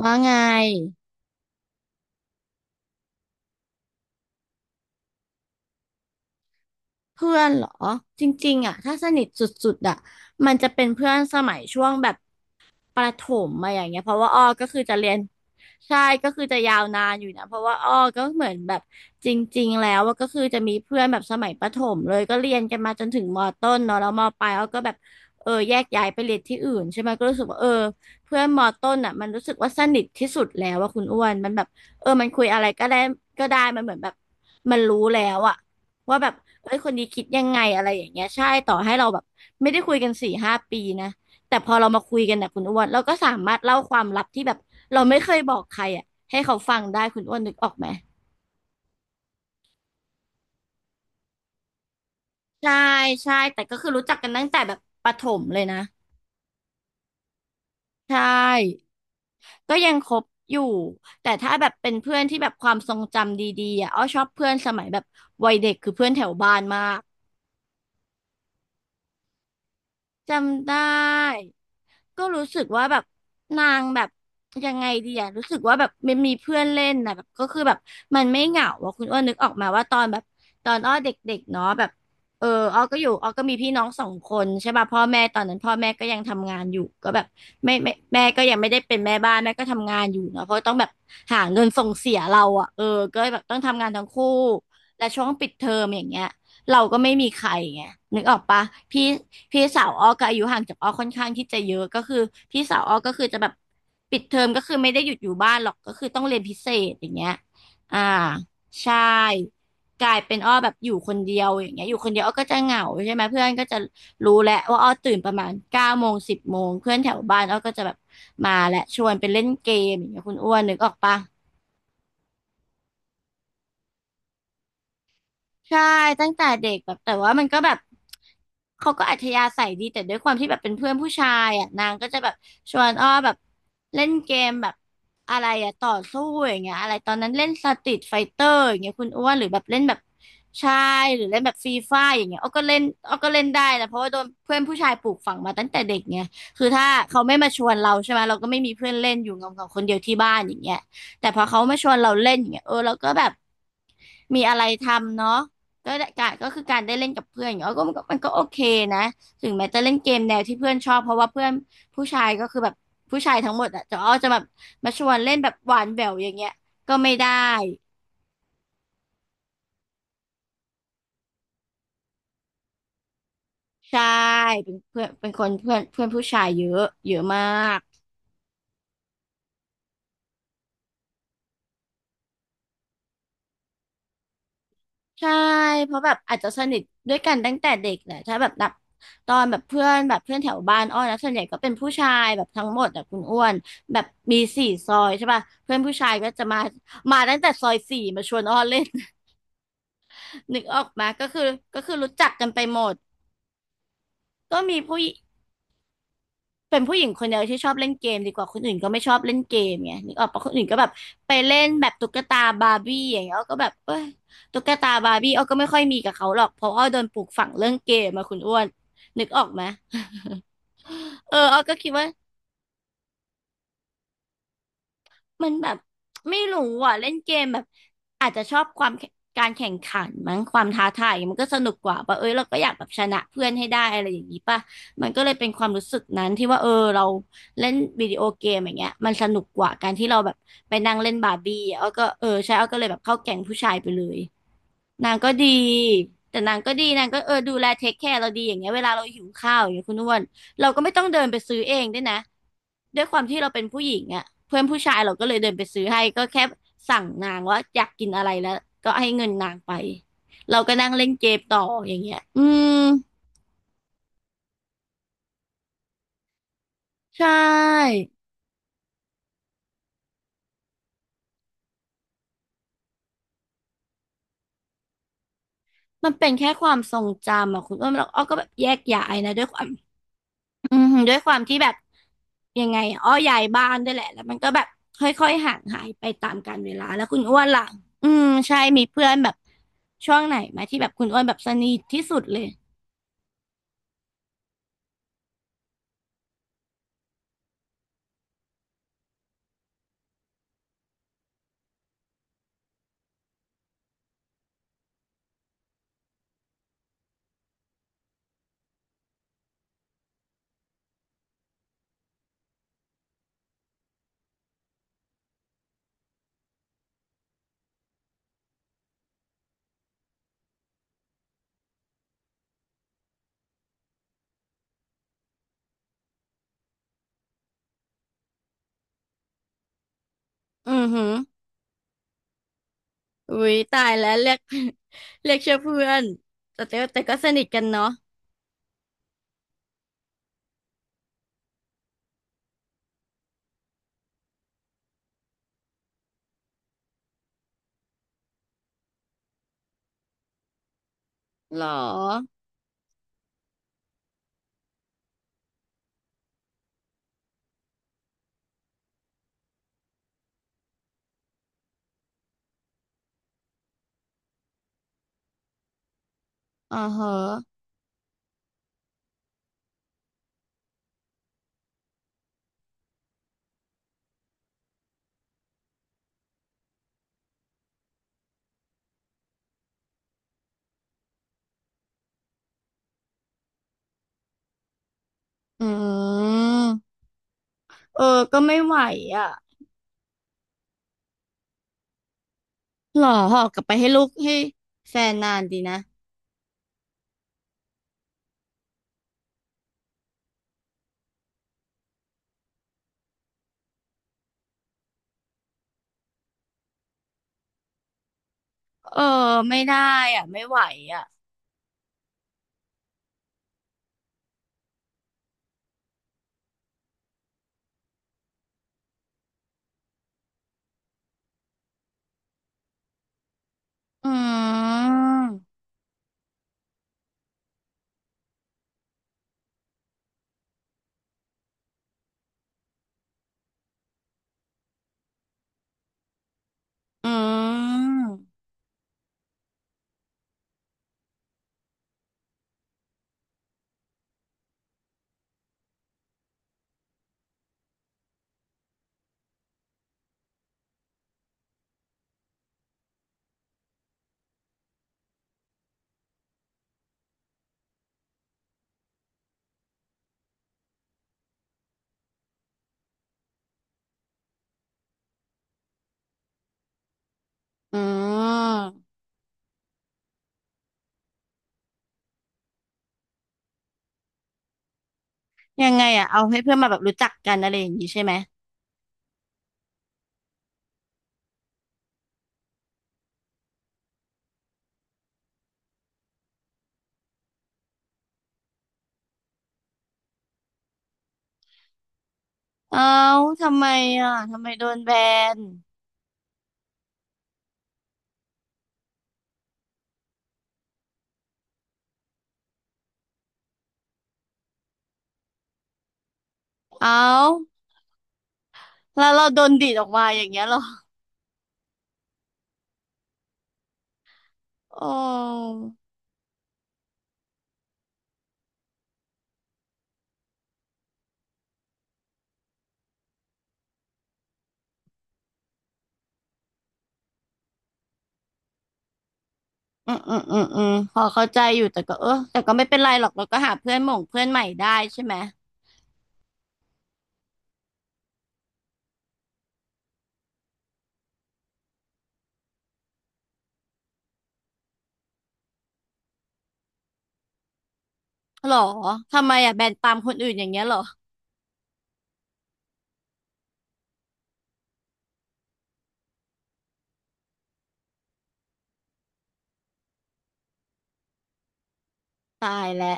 ว่าไงเพื่อนเหรอจริงๆอ่ะถ้าสนิทสุดๆอ่ะมันจะเป็นเพื่อนสมัยช่วงแบบ ประถมมาอย่างเงี้ยเพราะว่าอ้อก็คือจะเรียน ใช่ก็คือจะยาวนานอยู่นะเพราะว่าอ้อก็เหมือนแบบจริงๆแล้วว่าก็คือจะมีเพื่อนแบบสมัยประถมเลยก็เรียนกันมาจนถึงมต้นเนาะแล้วมปลายอ้อก็แบบเออแยกย้ายไปเรียนที่อื่นใช่ไหมก็รู้สึกว่าเออเพื่อนมต้นอ่ะมันรู้สึกว่าสนิทที่สุดแล้วว่าคุณอ้วนมันแบบเออมันคุยอะไรก็ได้ก็ได้มันเหมือนแบบมันรู้แล้วอะว่าแบบเอ้ยคนนี้คิดยังไงอะไรอย่างเงี้ยใช่ต่อให้เราแบบไม่ได้คุยกันสี่ห้าปีนะ แต่พอเรามาคุยกันนะคุณอ้วนเราก็สามารถเล่าความลับที่แบบเราไม่เคยบอกใครอ่ะให้เขาฟังได้คุณอ้วนนึกออกไหมใช่ใช่แต่ก็คือรู้จักกันตั้งแต่แบบประถมเลยนะใช่ก็ยังคบอยู่แต่ถ้าแบบเป็นเพื่อนที่แบบความทรงจำดีๆอ่ะอ้อชอบเพื่อนสมัยแบบวัยเด็กคือเพื่อนแถวบ้านมาก จำได้ก็รู้สึกว่าแบบนางแบบยังไงดีอะรู้สึกว่าแบบมันมีเพื่อนเล่นนะแบบก็คือแบบมันไม่เหงาอะคุณอ้วนนึกออกมาว่าตอนแบบตอนอ้อเด็กๆเนาะแบบเอออ้อก็อยู่อ้อก็มีพี่น้องสองคนใช่ป่ะพ่อแม่ตอนนั้นพ่อแม่ก็ยังทำงานอยู่ก็แบบไม่แม่ก็ยังไม่ได้เป็นแม่บ้านแม่ก็ทำงานอยู่เนาะเพราะต้องแบบหาเงินส่งเสียเราอะเออก็แบบต้องทำงานทั้งคู่และช่วงปิดเทอมอย่างเงี้ย เราก็ไม่มีใครไงนึกออกปะพี่พี่สาวอ้อก็อายุห่างจากอ้อค่อนข้างที่จะเยอะก็คือพี่สาวอ้อก็คือจะแบบปิดเทอมก็คือไม่ได้หยุดอยู่บ้านหรอกก็คือต้องเรียนพิเศษอย่างเงี้ยอ่าใช่กลายเป็นอ้อแบบอยู่คนเดียวอย่างเงี้ยอยู่คนเดียวอ้อก็จะเหงาใช่ไหมเพื่อนก็จะรู้แหละว่าอ้อตื่นประมาณเก้าโมงสิบโมงเพื่อนแถวบ้านอ้อก็จะแบบมาและชวนไปเล่นเกมอย่างเงี้ยคุณอ้วนนึกออกปะ ใช่ตั้งแต่เด็กแบบแต่ว่ามันก็แบบเขาก็อัธยาศัยดีแต่ด้วยความที่แบบเป็นเพื่อนผู้ชายอ่ะนางก็จะแบบชวนอ้อแบบเล่นเกมแบบอะไรอ่ะต่อสู้อย่างเงี้ยอะไรตอนนั้นเล่นสตรีทไฟเตอร์อย่างเงี้ยคุณอ้วนหรือแบบเล่นแบบใช่หรือเล่นแบบฟรีไฟร์อย่างเงี้ยอ้อก็เล่นอ้อก็เล่นได้นะเพราะว่าโดนเพื่อนผู้ชายปลูกฝังมาตั้งแต่เด็กไงคือถ้าเขาไม่มาชวนเราใช่ไหมเราก็ไม่มีเพื่อนเล่นอยู่เงาๆคนเดียวที่บ้านอย่างเงี้ยแต่พอเขามาชวนเราเล่นอย่างเงี้ยเออเราก็แบบ มีอะไรทำเนาะก็ได้การก็คือการได้เล่นกับเพื่อนอย่างเงี้ยก็มันก็โอเคนะถึงแม้จะเล่นเกมแนวที่เพื่อนชอบเพราะว่าเพื่อนผู้ชายก็คือแบบผู้ชายทั้งหมดอะจะอ้อจะแบบมาชวนเล่นแบบหวานแหววอย่างเงี้ยก็ไม่ได้ใช่เป็นเพื่อนเป็นคนเพื่อนเพื่อนผู้ชายเยอะเยอะมาก ใช่ เพราะแบบอาจจะสนิทด้วยกันตั้งแต่เด็กแหละถ้าแบบนับตอนแบบเพื่อนแบบเพื่อนแถวบ้านอ้อนะส่วนใหญ่ก็เป็นผู้ชายแบบทั้งหมดอะคุณอ้วนแบบมีสี่ซอยใช่ป่ะเพื่อนผู้ชายก็จะมาตั้งแต่ซอยสี่มาชวนอ้อเล่น นึกออกมาก็คือรู้จักกันไปหมด ก็มีผู้ เป็นผู้หญิงคนเดียวที่ชอบเล่นเกมดีกว่าคนอื่นก็ไม่ชอบเล่นเกมไงนึกออกปะคนอื่นก็แบบไปเล่นแบบตุ๊กตาบาร์บี้อย่างเงี้ยอ้อก็แบบเอ้ยตุ๊กตาบาร์บี้อ้อก็ไม่ค่อยมีกับเขาหรอกเพราะอ้อโดนปลูกฝังเรื่องเกมมาคุณอ้วนนึกออกไหม เอออ้อก็คิดว่า มันแบบไม่รู้อ่ะเล่นเกมแบบอาจจะชอบความการแข่งขันมั้งความท้าทายมันก็สนุกกว่าป่ะเอ้ยเราก็อยากแบบชนะเพื่อนให้ได้อะไรอย่างนี้ป่ะมันก็เลยเป็นความรู้สึกนั้นที่ว่าเออเราเล่นวิดีโอเกมอย่างเงี้ยมันสนุกกว่าการที่เราแบบไปนั่งเล่นบาร์บี้อ้อก็เออใช่อ้อก็เลยแบบเข้าแก๊งผู้ชายไปเลย นางก็ดี แต่นางก็ดี นางก็เออดูแลเทคแคร์เราดีอย่างเงี้ยเวลาเราหิวข้าวอย่างเงี้ยคุณอ้วนเราก็ไม่ต้องเดินไปซื้อเองด้วยนะด้วยความที่เราเป็นผู้หญิงอ่ะเพื่อนผู้ชายเราก็เลยเดินไปซื้อให้ ก็แค่สั่งนางว่าอยากกินอะไรแล้ว ก็ให้เงินนางไป เราก็นั่งเล่นเกมต่ออย่างเงี้ยอืมใช่ มันเป็นแค่ความทรงจำอ่ะคุณอ้วนเราอ้อก็แบบแยกย้ายนะด้วยความ อืมด้วยความที่แบบยังไงอะอ้อย้ายบ้านด้วยแหละแล้วมันก็แบบค่อยๆห่างหายไปตามกาลเวลาแล้วคุณอ้วนล่ะอืมใช่มีเพื่อนแบบช่วงไหนไหมที่แบบคุณอ้วนแบบสนิทที่สุดเลยอือหืออุ้ยตายแล้วเรียก เรียกชื่อเพื่อนแต่ก็สนิทกันเนาะหรออ่าฮะอืมเออก็ไม่ไหวอ่ะหรอหอกลับไปให้ลูกให้แฟนนานดีนะเออไม่ได้อ่ะไม่ไหวอ่ะ อืมอืมอืมยังไงอะเอาให้เพื่อนมาแบบรู้จักกันอะไรอย่างนี้ใช่ไหมเอาทำไมอะทำไมโดนแบนเอาแล้วเราโดนดีดออกมาอย่างเงี้ยเหรอโอ้อืมพอเข้าใจอยู่แต่ก็เออแต่ก็ไม่เป็นไรหรอกเราก็หาเพื่อนหม่งเพื่อนใหม่ได้ใช่ไหมหรอทำไมอะแบนตามคนอื่นอย่างเงี้ยเหรอตายแล้ว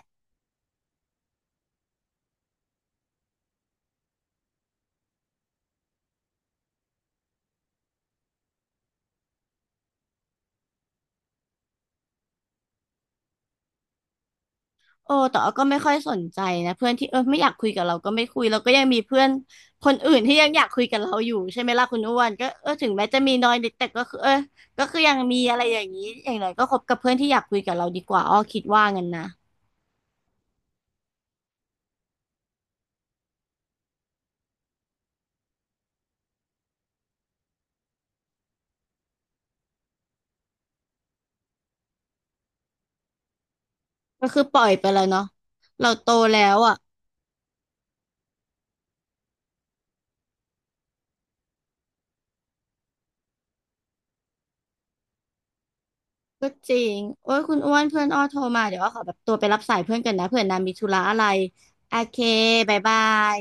โอ้แต่ว่าก็ไม่ค่อยสนใจนะเพื่อนที่เออไม่อยากคุยกับเราก็ไม่คุยเราก็ยังมีเพื่อนคนอื่นที่ยังอยากคุยกับเราอยู่ใช่ไหมล่ะคุณอ้วนก็เออถึงแม้จะมีน้อยนิดแต่ก็คือเออก็คือยังมีอะไรอย่างนี้อย่างไรก็คบกับเพื่อนที่อยากคุยกับเราดีกว่าอ้อคิดว่างั้นนะก็คือปล่อยไปแล้วเนาะเราโตแล้วอ่ะก็จริงโอ้ยคุณอ้วนเพื่อนอ้อโทรมาเดี๋ยวอ้อขอแบบตัวไปรับสายเพื่อนกันนะเผื่อนางมีธุระอะไรโอเคบายบาย